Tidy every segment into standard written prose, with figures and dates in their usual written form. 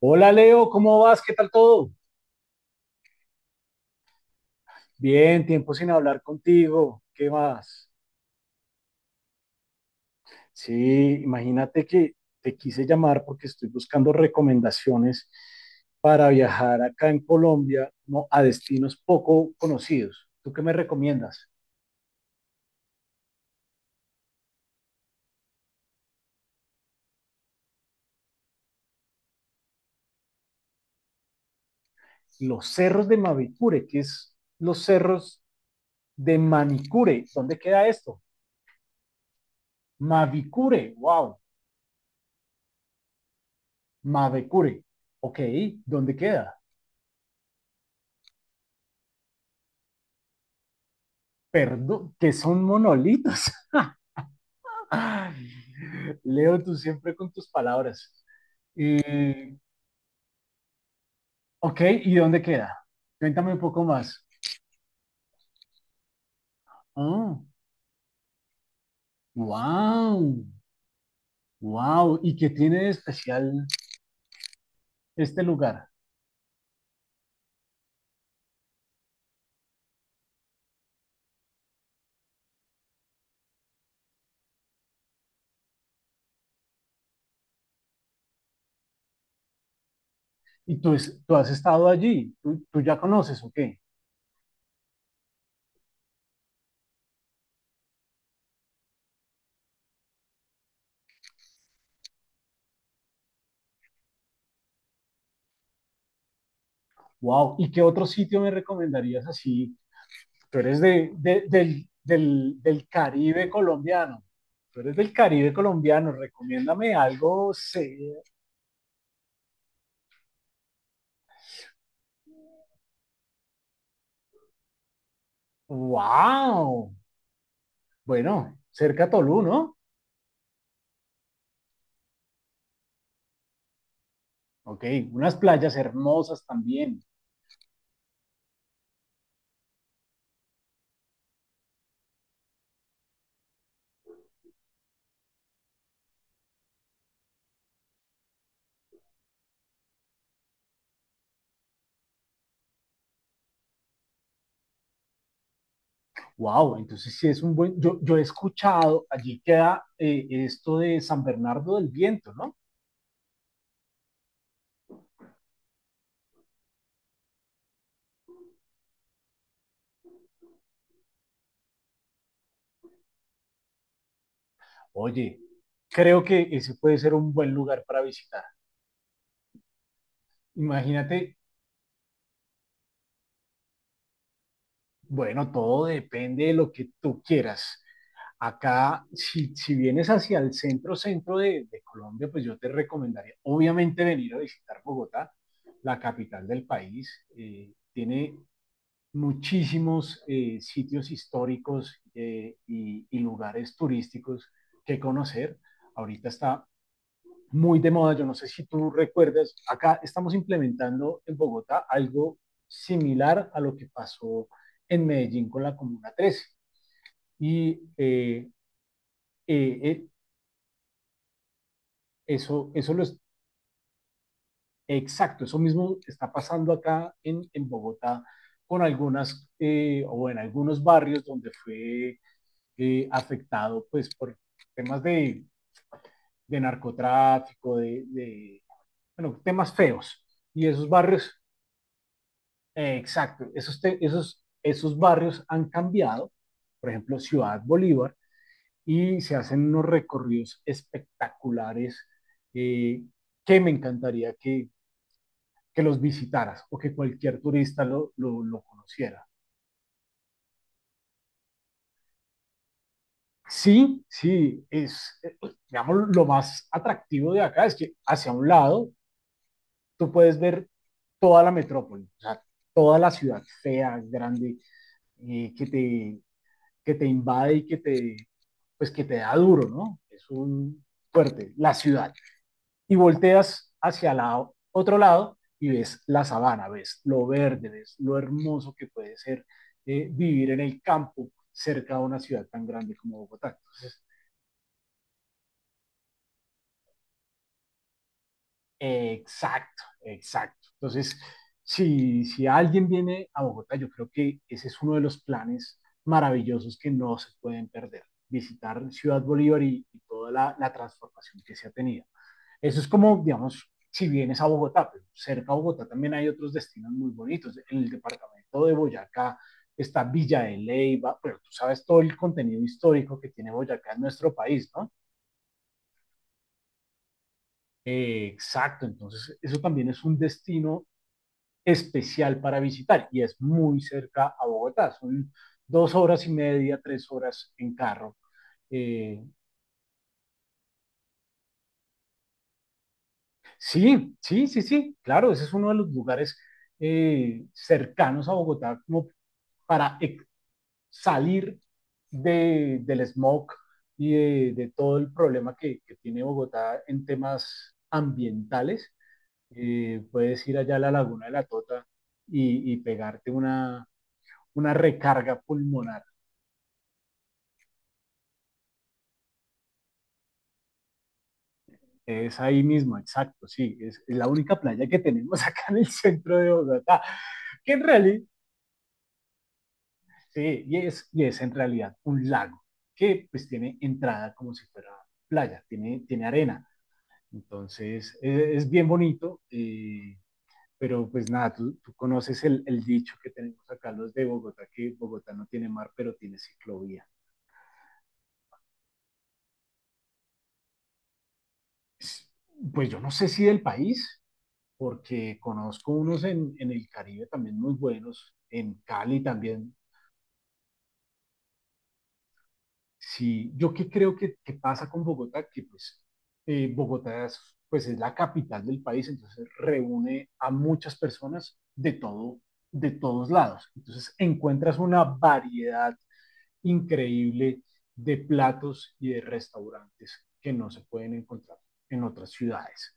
Hola Leo, ¿cómo vas? ¿Qué tal todo? Bien, tiempo sin hablar contigo. ¿Qué más? Sí, imagínate que te quise llamar porque estoy buscando recomendaciones para viajar acá en Colombia, ¿no? A destinos poco conocidos. ¿Tú qué me recomiendas? Los cerros de Mavicure, que es los cerros de Manicure. ¿Dónde queda esto? Mavicure, wow, Mavicure. Ok, ¿dónde queda? Perdón, que son monolitos. Ay, Leo, tú siempre con tus palabras. Eh, ok, ¿y dónde queda? Cuéntame un poco más. Oh, wow, wow. ¿Y qué tiene de especial este lugar? ¿Y tú, tú has estado allí? Tú ya conoces o qué? Wow. ¿Y qué otro sitio me recomendarías así? Tú eres del Caribe colombiano. Tú eres del Caribe colombiano. Recomiéndame algo. Se... Wow. Bueno, cerca a Tolú, ¿no? Ok, unas playas hermosas también. Wow, entonces sí es un buen. Yo he escuchado, allí queda esto de San Bernardo del Viento, ¿no? Oye, creo que ese puede ser un buen lugar para visitar. Imagínate. Bueno, todo depende de lo que tú quieras. Acá, si vienes hacia el centro, centro de Colombia, pues yo te recomendaría, obviamente, venir a visitar Bogotá, la capital del país. Tiene muchísimos sitios históricos y lugares turísticos que conocer. Ahorita está muy de moda. Yo no sé si tú recuerdas, acá estamos implementando en Bogotá algo similar a lo que pasó en Medellín con la Comuna 13. Y eh, eh, eh, eso, eso lo es, exacto, eso mismo está pasando acá en Bogotá con algunas o en algunos barrios donde fue afectado pues por temas de narcotráfico, de bueno, temas feos. Y esos barrios exacto, esos barrios han cambiado, por ejemplo, Ciudad Bolívar, y se hacen unos recorridos espectaculares eh, que me encantaría que los visitaras o que cualquier turista lo conociera. Sí, pues, digamos, lo más atractivo de acá es que hacia un lado tú puedes ver toda la metrópoli, o sea, toda la ciudad fea, grande, eh, que te que te invade y que te, pues que te da duro, ¿no? Es un fuerte, la ciudad. Y volteas hacia el otro lado y ves la sabana, ves lo verde, ves lo hermoso que puede ser vivir en el campo cerca de una ciudad tan grande como Bogotá. Entonces, exacto, exacto. Entonces, si alguien viene a Bogotá, yo creo que ese es uno de los planes maravillosos que no se pueden perder, visitar Ciudad Bolívar y toda la transformación que se ha tenido. Eso es como, digamos, si vienes a Bogotá, pero cerca a Bogotá también hay otros destinos muy bonitos. En el departamento de Boyacá está Villa de Leyva, pero tú sabes todo el contenido histórico que tiene Boyacá en nuestro país, ¿no? Exacto, entonces eso también es un destino especial para visitar y es muy cerca a Bogotá, son dos horas y media, tres horas en carro. Eh, sí, sí, sí, sí, claro, ese es uno de los lugares cercanos a Bogotá como para salir del smog y de todo el problema que tiene Bogotá en temas ambientales. Puedes ir allá a la Laguna de la Tota y pegarte una recarga pulmonar. Es ahí mismo, exacto, sí, es la única playa que tenemos acá en el centro de Bogotá, que en realidad, sí, y es en realidad un lago, que pues tiene entrada como si fuera playa, tiene arena, entonces es bien bonito, pero pues nada, tú conoces el dicho que tenemos acá los de Bogotá, que Bogotá no tiene mar, pero tiene ciclovía. Pues pues, yo no sé si del país, porque conozco unos en el Caribe también muy buenos, en Cali también. Sí, yo qué creo que pasa con Bogotá, que pues Bogotá es, pues es la capital del país, entonces reúne a muchas personas de todo, de todos lados. Entonces encuentras una variedad increíble de platos y de restaurantes que no se pueden encontrar en otras ciudades.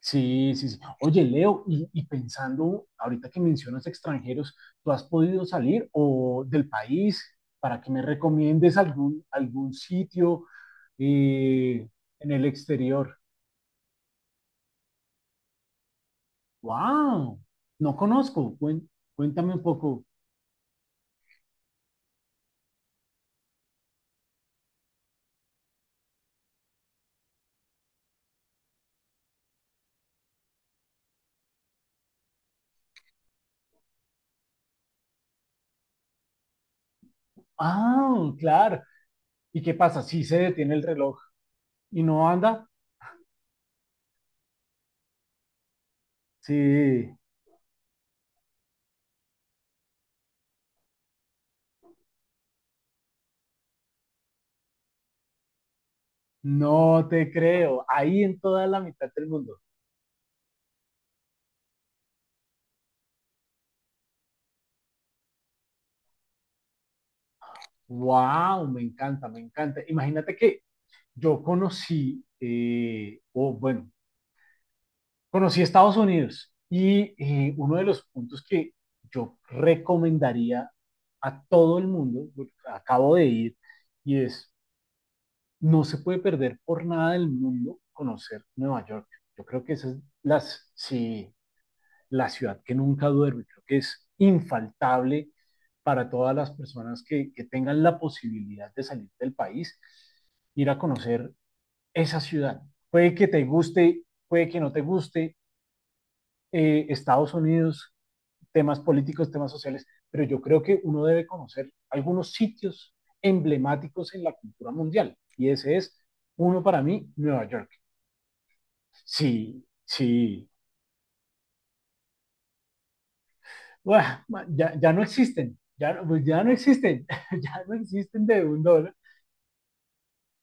Sí, sí, sí. Oye, Leo, y pensando, ahorita que mencionas extranjeros, ¿tú has podido salir o del país para que me recomiendes algún sitio eh, en el exterior? ¡Wow! No conozco. Cuéntame un poco. Ah, claro. ¿Y qué pasa? Sí, se detiene el reloj y no anda. Sí, no te creo. Ahí en toda la mitad del mundo. ¡Wow! Me encanta, me encanta. Imagínate que yo conocí, o bueno, conocí Estados Unidos y uno de los puntos que yo recomendaría a todo el mundo, porque acabo de ir, y es, no se puede perder por nada del mundo conocer Nueva York. Yo creo que esa es sí, la ciudad que nunca duerme, creo que es infaltable para todas las personas que tengan la posibilidad de salir del país, ir a conocer esa ciudad. Puede que te guste, puede que no te guste Estados Unidos, temas políticos, temas sociales, pero yo creo que uno debe conocer algunos sitios emblemáticos en la cultura mundial. Y ese es uno para mí, Nueva York. Sí, sí. Uah, ya, ya, no existen, ya, no, pues ya no existen, ya no existen de un dólar.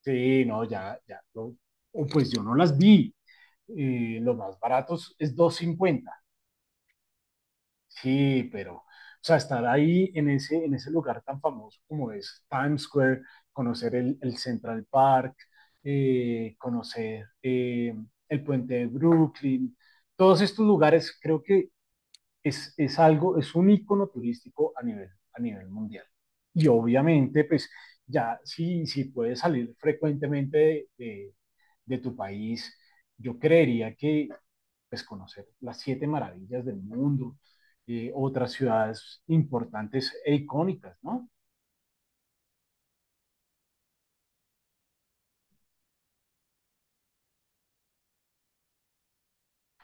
Sí, no, ya, ya. No, pues yo no las vi. Los más baratos es dos cincuenta. Sí, pero, o sea, estar ahí en ese lugar tan famoso como es Times Square, conocer el Central Park, conocer el puente de Brooklyn, todos estos lugares creo que es algo, es un icono turístico a nivel mundial. Y obviamente, pues ya si puedes salir frecuentemente de tu país, yo creería que, pues, conocer las siete maravillas del mundo, otras ciudades importantes e icónicas, ¿no?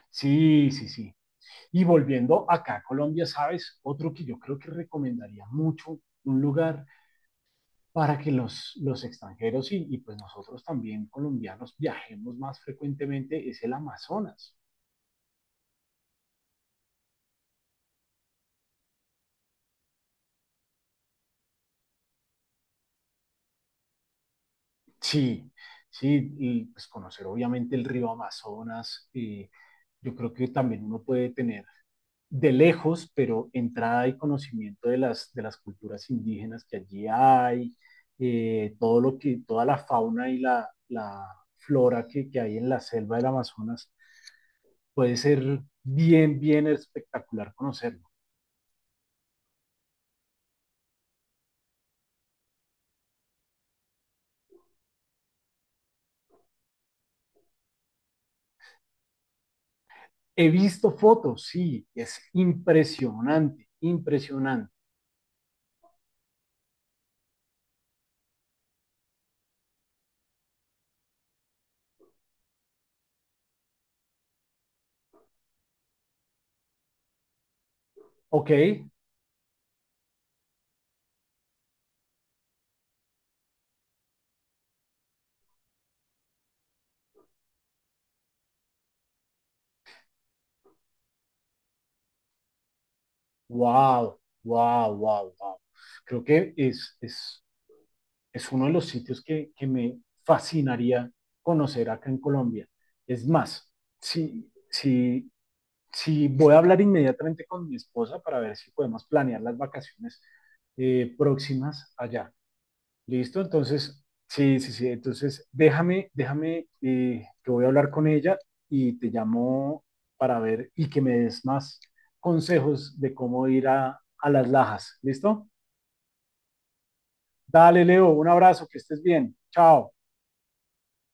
Sí, sí, sí. Y volviendo acá a Colombia, ¿sabes? Otro que yo creo que recomendaría mucho, un lugar para que los extranjeros y pues nosotros también colombianos viajemos más frecuentemente es el Amazonas. Sí, sí, y pues conocer obviamente el río Amazonas. Yo creo que también uno puede tener de lejos, pero entrada y conocimiento de de las culturas indígenas que allí hay, todo lo que, toda la fauna y la flora que hay en la selva del Amazonas, puede ser bien, bien espectacular conocerlo. He visto fotos, sí, es impresionante, impresionante. Ok, wow, wow, wow, wow. Creo que es uno de los sitios que me fascinaría conocer acá en Colombia. Es más, si, si, si voy a hablar inmediatamente con mi esposa para ver si podemos planear las vacaciones próximas allá. ¿Listo? Entonces, sí, sí, sí. Entonces, déjame, que voy a hablar con ella y te llamo para ver y que me des más consejos de cómo ir a las Lajas. ¿Listo? Dale, Leo, un abrazo, que estés bien. Chao.